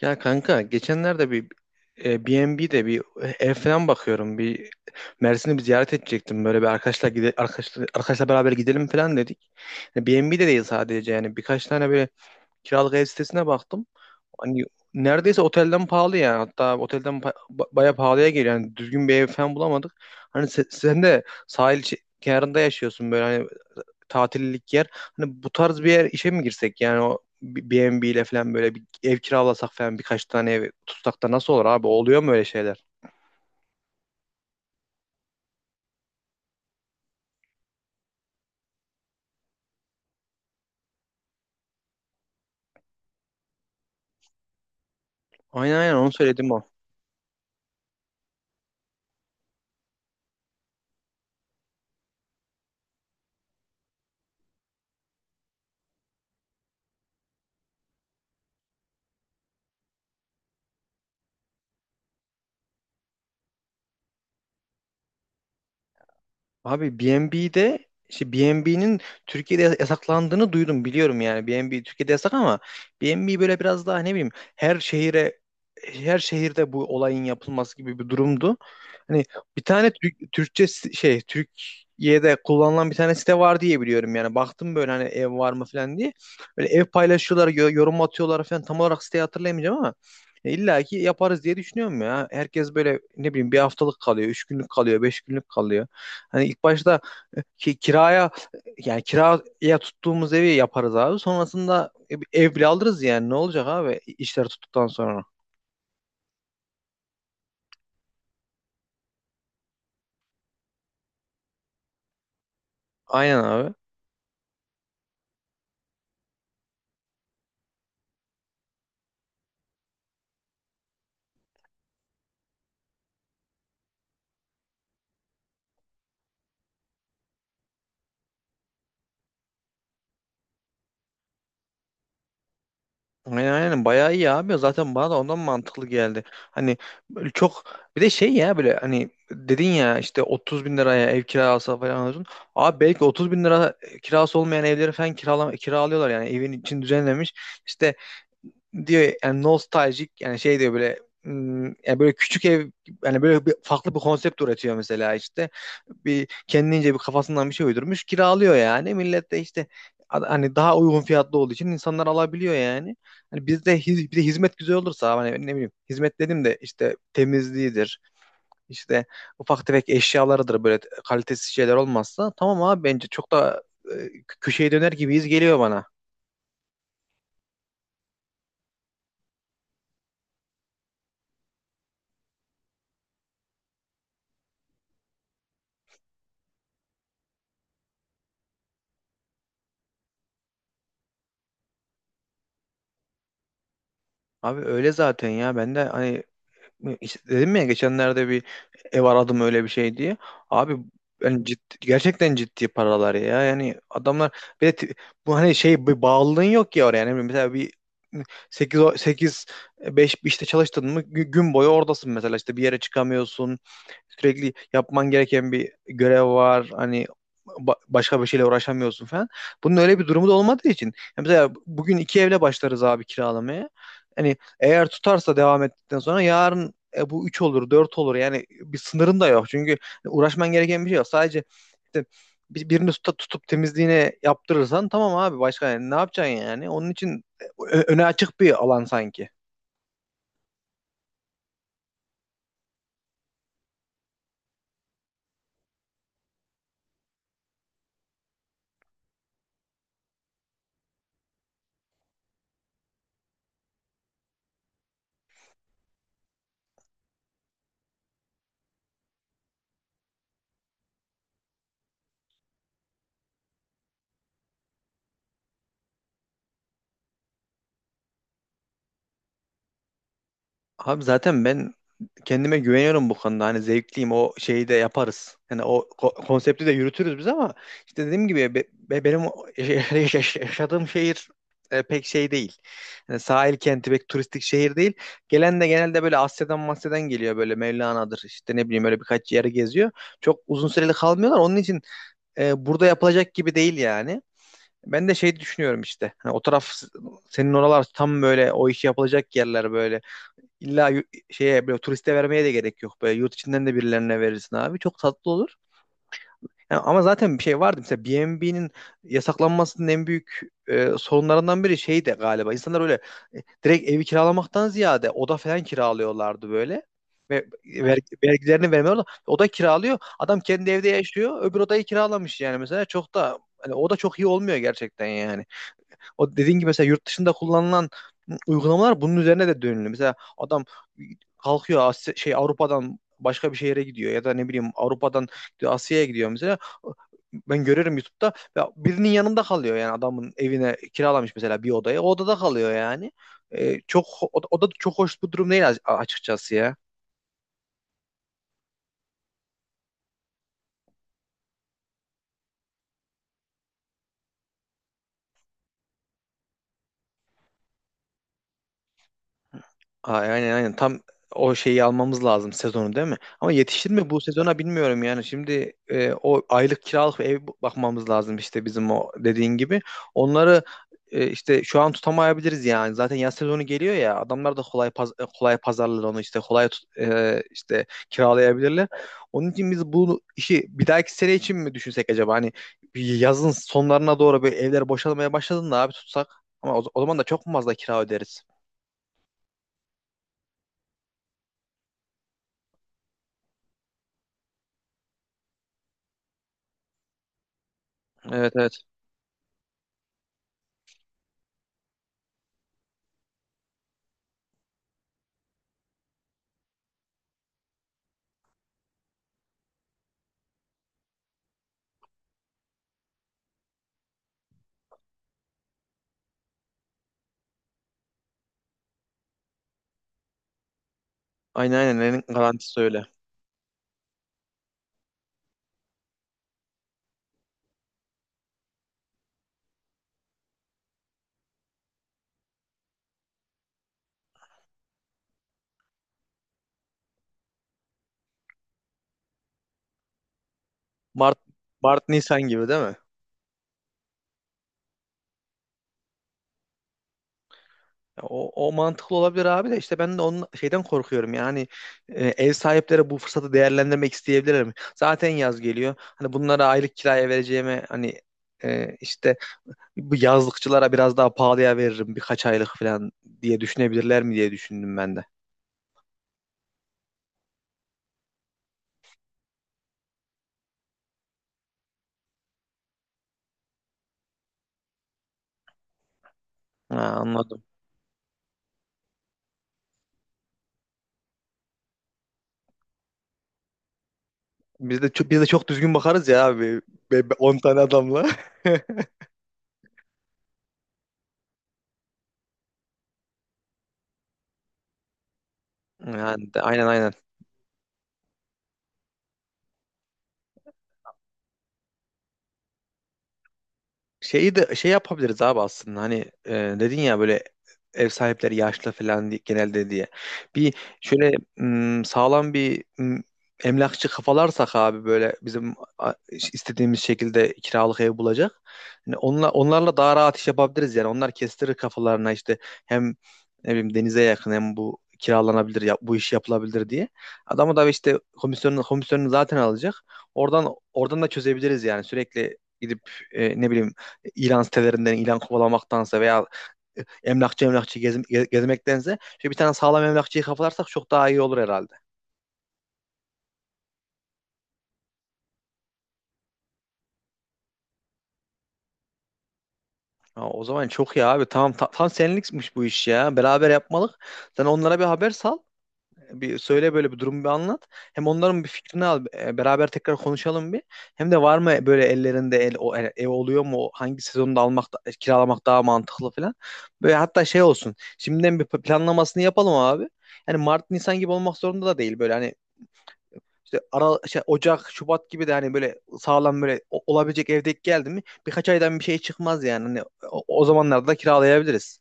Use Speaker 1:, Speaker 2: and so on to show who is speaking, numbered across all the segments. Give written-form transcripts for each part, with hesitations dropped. Speaker 1: Ya kanka geçenlerde bir B&B'de bir ev falan bakıyorum. Bir Mersin'i bir ziyaret edecektim. Böyle bir arkadaşlar beraber gidelim falan dedik. Yani B&B'de değil, sadece yani birkaç tane böyle kiralık ev sitesine baktım. Hani neredeyse otelden pahalı yani. Hatta otelden bayağı pahalıya geliyor. Yani düzgün bir ev falan bulamadık. Hani sen de sahil kenarında yaşıyorsun, böyle hani tatillik yer. Hani bu tarz bir yer işe mi girsek? Yani o B&B ile falan böyle bir ev kiralasak falan, birkaç tane ev tutsak da nasıl olur abi? Oluyor mu öyle şeyler? Aynen, aynen onu söyledim o. Abi BNB'de, işte BNB'nin Türkiye'de yasaklandığını duydum, biliyorum yani. BNB Türkiye'de yasak ama BNB böyle biraz daha ne bileyim her şehire her şehirde bu olayın yapılması gibi bir durumdu. Hani bir tane Türkçe şey, Türkiye'de kullanılan bir tane site var diye biliyorum yani. Baktım böyle hani ev var mı falan diye. Böyle ev paylaşıyorlar, yorum atıyorlar falan. Tam olarak siteyi hatırlayamayacağım ama İlla ki yaparız diye düşünüyorum ya. Herkes böyle ne bileyim bir haftalık kalıyor, 3 günlük kalıyor, 5 günlük kalıyor. Hani ilk başta e, ki, kiraya yani kiraya tuttuğumuz evi yaparız abi. Sonrasında ev bile alırız yani, ne olacak abi işler tuttuktan sonra. Aynen abi. Aynen, aynen bayağı iyi abi. Zaten bana da ondan mantıklı geldi. Hani böyle çok, bir de şey ya, böyle hani dedin ya, işte 30 bin liraya ev kirası falan diyorsun. Abi belki 30 bin lira kirası olmayan evleri falan kiralıyorlar yani, evin için düzenlemiş. İşte diyor yani nostaljik, yani şey diyor böyle, yani böyle küçük ev, yani böyle farklı bir konsept üretiyor mesela. İşte bir kendince bir kafasından bir şey uydurmuş kiralıyor yani, millet de işte, hani daha uygun fiyatlı olduğu için insanlar alabiliyor yani. Hani bizde bir de hizmet güzel olursa hani ne bileyim, hizmet dedim de işte, temizliğidir işte ufak tefek eşyalarıdır, böyle kalitesiz şeyler olmazsa tamam abi, bence çok da e, köşeye döner gibiyiz, geliyor bana. Abi öyle zaten ya, ben de hani. İşte dedim ya, geçenlerde bir ev aradım öyle bir şey diye. Abi yani ciddi, gerçekten ciddi paralar ya. Yani adamlar bir de bu hani şey, bir bağlılığın yok ya oraya. Yani mesela bir sekiz 5 işte çalıştın mı gün boyu oradasın mesela, işte bir yere çıkamıyorsun. Sürekli yapman gereken bir görev var. Hani başka bir şeyle uğraşamıyorsun falan. Bunun öyle bir durumu da olmadığı için. Ya mesela bugün iki evle başlarız abi kiralamaya. Hani eğer tutarsa devam ettikten sonra yarın bu 3 olur 4 olur, yani bir sınırın da yok. Çünkü uğraşman gereken bir şey yok. Sadece işte birini tutup temizliğine yaptırırsan tamam abi, başka yani ne yapacaksın yani? Onun için öne açık bir alan sanki. Abi zaten ben kendime güveniyorum bu konuda. Hani zevkliyim, o şeyi de yaparız. Yani o konsepti de yürütürüz biz ama işte dediğim gibi benim yaşadığım şehir pek şey değil. Yani sahil kenti, pek turistik şehir değil. Gelen de genelde böyle Asya'dan Masya'dan geliyor, böyle Mevlana'dır işte, ne bileyim, öyle birkaç yere geziyor. Çok uzun süreli kalmıyorlar. Onun için burada yapılacak gibi değil yani. Ben de şey düşünüyorum işte. Hani o taraf, senin oralar tam böyle o işi yapılacak yerler böyle. İlla şeye böyle turiste vermeye de gerek yok. Böyle yurt içinden de birilerine verirsin abi. Çok tatlı olur. Yani ama zaten bir şey vardı. Mesela B&B'nin yasaklanmasının en büyük sorunlarından biri şey de galiba. İnsanlar öyle e, direkt evi kiralamaktan ziyade oda falan kiralıyorlardı böyle. Ve ver, Evet. Vergilerini vermiyorlar. Oda kiralıyor. Adam kendi evde yaşıyor. Öbür odayı kiralamış yani mesela. Çok da hani oda çok iyi olmuyor gerçekten yani. O dediğin gibi mesela yurt dışında kullanılan uygulamalar bunun üzerine de dönülüyor. Mesela adam kalkıyor Asya, şey Avrupa'dan başka bir şehre gidiyor, ya da ne bileyim Avrupa'dan Asya'ya gidiyor mesela. Ben görürüm YouTube'da, ya birinin yanında kalıyor yani, adamın evine kiralamış mesela bir odayı. O odada kalıyor yani. Çok, o da çok hoş bu durum değil, açıkçası ya. Aynen, aynen tam o şeyi almamız lazım sezonu, değil mi? Ama yetişir mi bu sezona, bilmiyorum yani. Şimdi o aylık kiralık ev bakmamız lazım işte, bizim o dediğin gibi. Onları işte şu an tutamayabiliriz yani. Zaten yaz sezonu geliyor ya, adamlar da kolay pazarlar onu, işte işte kiralayabilirler. Onun için biz bu işi bir dahaki sene için mi düşünsek acaba? Hani bir yazın sonlarına doğru böyle evler boşalmaya başladığında abi tutsak, ama o zaman da çok mu fazla kira öderiz? Evet, evet. Aynen, aynen en garantisi öyle. Mart Mart Nisan gibi değil mi? Ya O mantıklı olabilir abi de, işte ben de onun şeyden korkuyorum yani, ev sahipleri bu fırsatı değerlendirmek isteyebilirler mi? Zaten yaz geliyor. Hani bunlara aylık kiraya vereceğime hani işte bu yazlıkçılara biraz daha pahalıya veririm birkaç aylık falan diye düşünebilirler mi, diye düşündüm ben de. Ha, anladım. Biz de çok düzgün bakarız ya abi. 10 tane adamla. Yani aynen, aynen. Şeyi de şey yapabiliriz abi, aslında hani dedin ya böyle, ev sahipleri yaşlı falan diye, genelde diye. Bir şöyle sağlam bir emlakçı kafalarsak abi, böyle bizim istediğimiz şekilde kiralık ev bulacak. Hani onlarla daha rahat iş yapabiliriz yani. Onlar kestirir kafalarına işte, hem ne bileyim denize yakın hem bu kiralanabilir ya, bu iş yapılabilir diye. Adamı da işte komisyonunu zaten alacak. Oradan da çözebiliriz yani, sürekli gidip ne bileyim ilan sitelerinden ilan kovalamaktansa veya emlakçı emlakçı gezmektense şöyle bir tane sağlam emlakçıyı kafalarsak çok daha iyi olur herhalde. Ha, o zaman çok iyi abi. Tamam, tam senlikmiş bu iş ya. Beraber yapmalık. Sen onlara bir haber sal. Bir söyle, böyle bir durumu bir anlat. Hem onların bir fikrini al. Beraber tekrar konuşalım bir. Hem de var mı böyle ellerinde ev, oluyor mu? Hangi sezonda kiralamak daha mantıklı falan. Böyle hatta şey olsun, şimdiden bir planlamasını yapalım abi. Yani Mart Nisan gibi olmak zorunda da değil, böyle hani İşte Ocak, Şubat gibi de hani böyle sağlam, böyle olabilecek evdeki geldi mi birkaç aydan bir şey çıkmaz yani. Hani o zamanlarda da kiralayabiliriz.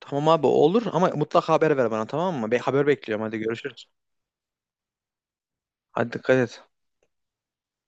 Speaker 1: Tamam abi olur ama mutlaka haber ver bana, tamam mı? Be, haber bekliyorum, hadi görüşürüz. Hadi dikkat et.